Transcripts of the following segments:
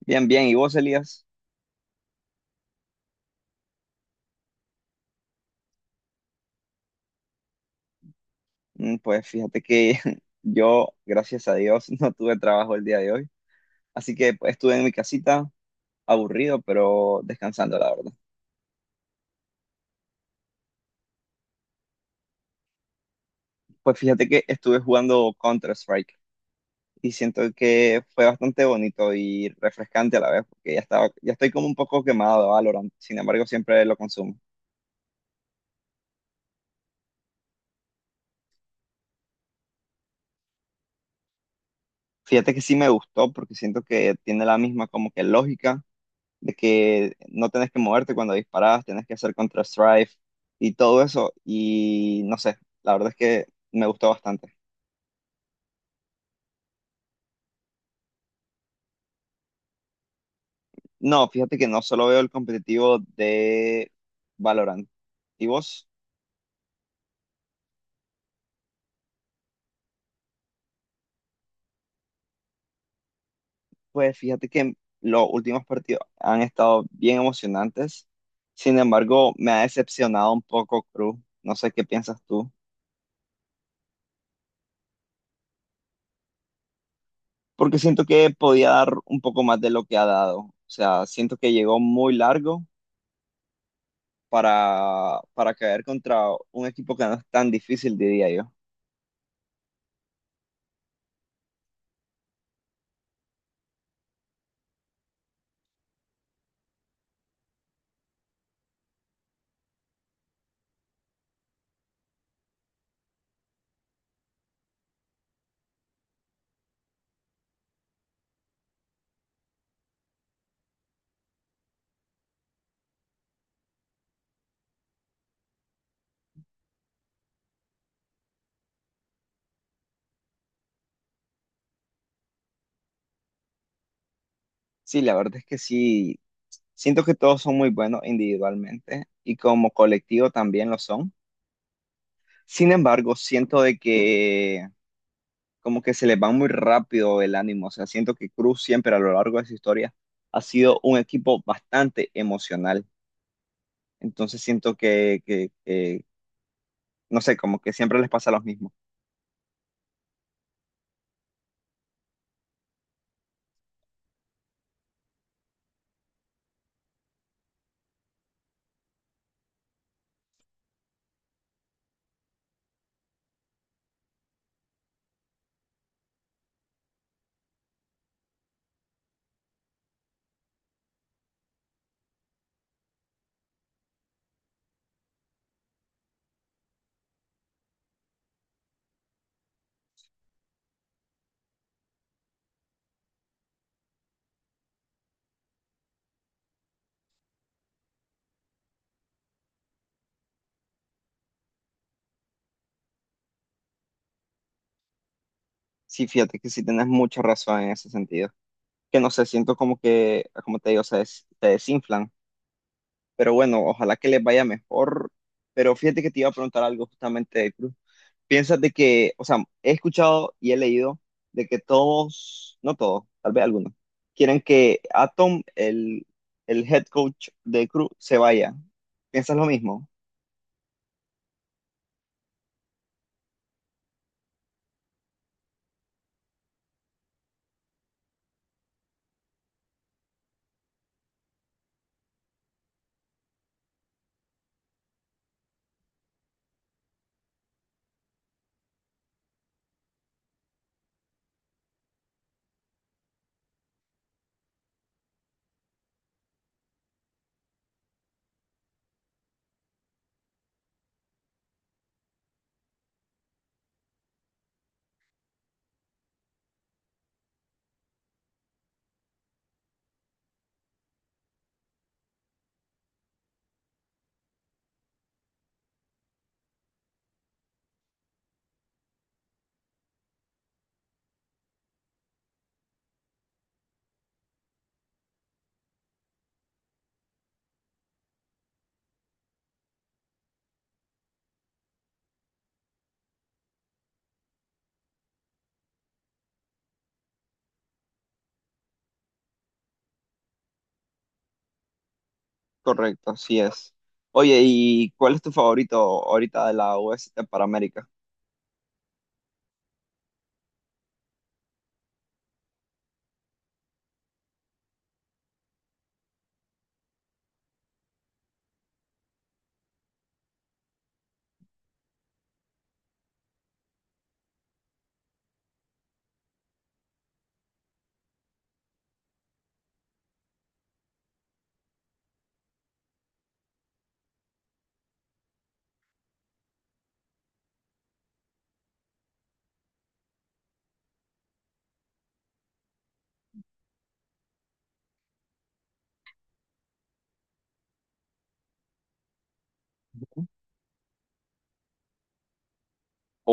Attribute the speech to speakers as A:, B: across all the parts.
A: Bien, bien. ¿Y vos, Elías? Pues fíjate que yo, gracias a Dios, no tuve trabajo el día de hoy. Así que pues, estuve en mi casita, aburrido, pero descansando, la verdad. Pues fíjate que estuve jugando Counter-Strike y siento que fue bastante bonito y refrescante a la vez, porque ya estoy como un poco quemado de Valorant. Sin embargo, siempre lo consumo. Fíjate que sí me gustó porque siento que tiene la misma como que lógica de que no tenés que moverte cuando disparás, tenés que hacer contra-strike y todo eso. Y no sé, la verdad es que me gustó bastante. No, fíjate que no solo veo el competitivo de Valorant. ¿Y vos? Pues fíjate que los últimos partidos han estado bien emocionantes. Sin embargo, me ha decepcionado un poco Cruz. No sé qué piensas tú. Porque siento que podía dar un poco más de lo que ha dado. O sea, siento que llegó muy largo para caer contra un equipo que no es tan difícil, diría yo. Sí, la verdad es que sí, siento que todos son muy buenos individualmente y como colectivo también lo son. Sin embargo, siento de que como que se les va muy rápido el ánimo, o sea, siento que Cruz siempre a lo largo de su historia ha sido un equipo bastante emocional, entonces siento que no sé, como que siempre les pasa lo mismo. Sí, fíjate que sí tienes mucha razón en ese sentido. Que no sé, siento como que, como te digo, se desinflan. Pero bueno, ojalá que les vaya mejor. Pero fíjate que te iba a preguntar algo justamente de Cruz. Piensas de que, o sea, he escuchado y he leído de que todos, no todos, tal vez algunos, quieren que Atom, el head coach de Cruz, se vaya. ¿Piensas lo mismo? Correcto, así es. Oye, ¿y cuál es tu favorito ahorita de la UST para América?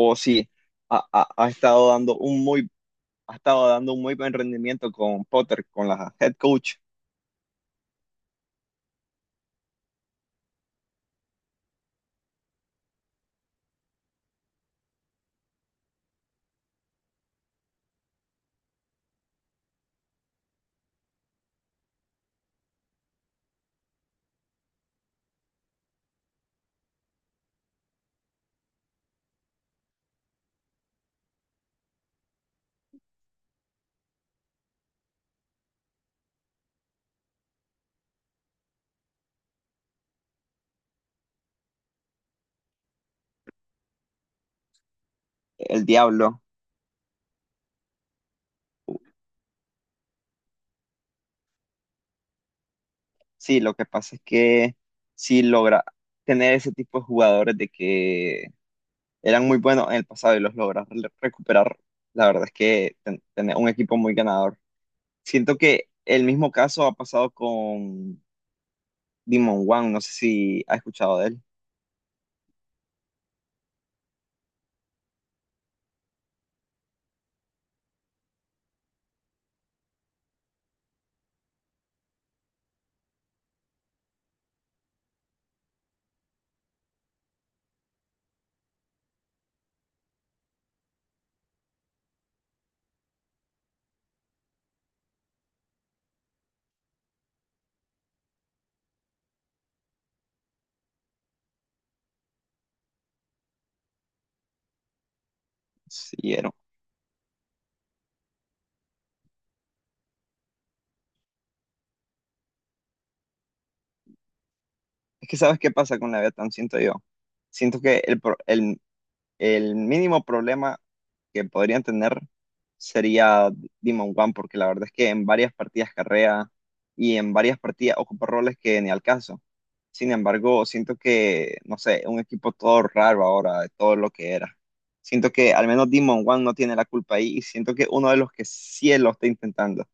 A: O si ha, ha ha estado dando un muy Ha estado dando un muy buen rendimiento con Potter, con la head coach, el Diablo. Sí, lo que pasa es que sí logra tener ese tipo de jugadores de que eran muy buenos en el pasado y los logra recuperar. La verdad es que tener un equipo muy ganador. Siento que el mismo caso ha pasado con Demon One, no sé si has escuchado de él. Sí, era- Es que sabes qué pasa con la Tan siento yo. Siento que el mínimo problema que podrían tener sería Demon One, porque la verdad es que en varias partidas carrea y en varias partidas ocupa roles que ni al caso. Sin embargo, siento que, no sé, un equipo todo raro ahora de todo lo que era. Siento que al menos Demon One no tiene la culpa ahí y siento que uno de los que sí lo está intentando.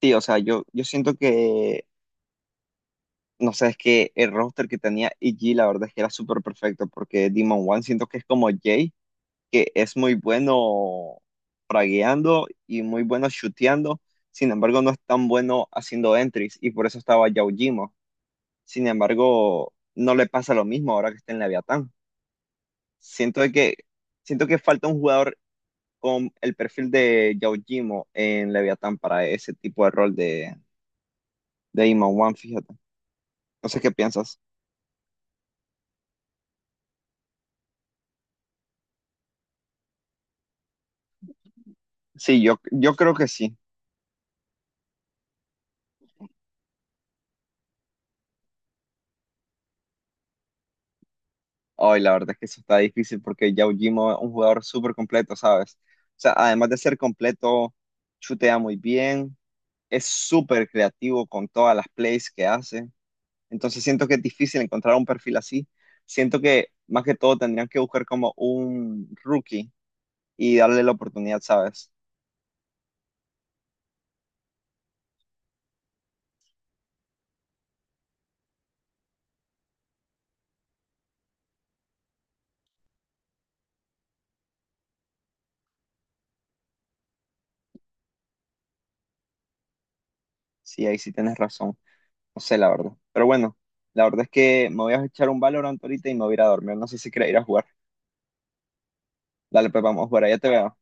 A: Sí, o sea, yo siento que, no sé, es que el roster que tenía EG la verdad es que era súper perfecto porque Demon One siento que es como Jay que es muy bueno fragueando y muy bueno chuteando, sin embargo no es tan bueno haciendo entries y por eso estaba Yao. Sin embargo, no le pasa lo mismo ahora que está en Leviatán. Siento de que, Siento que falta un jugador con el perfil de Yao en Leviatán para ese tipo de rol de Iman One, fíjate. No sé qué piensas. Sí, yo creo que sí. Hoy la verdad es que sí está difícil porque Yao Jimo es un jugador súper completo, ¿sabes? O sea, además de ser completo, chutea muy bien, es súper creativo con todas las plays que hace. Entonces siento que es difícil encontrar un perfil así. Siento que más que todo tendrían que buscar como un rookie y darle la oportunidad, ¿sabes? Sí, ahí sí tienes razón. No sé, la verdad. Pero bueno, la verdad es que me voy a echar un Valorant ahorita y me voy a ir a dormir. No sé si querés ir a jugar. Dale, pues vamos a jugar, allá te veo.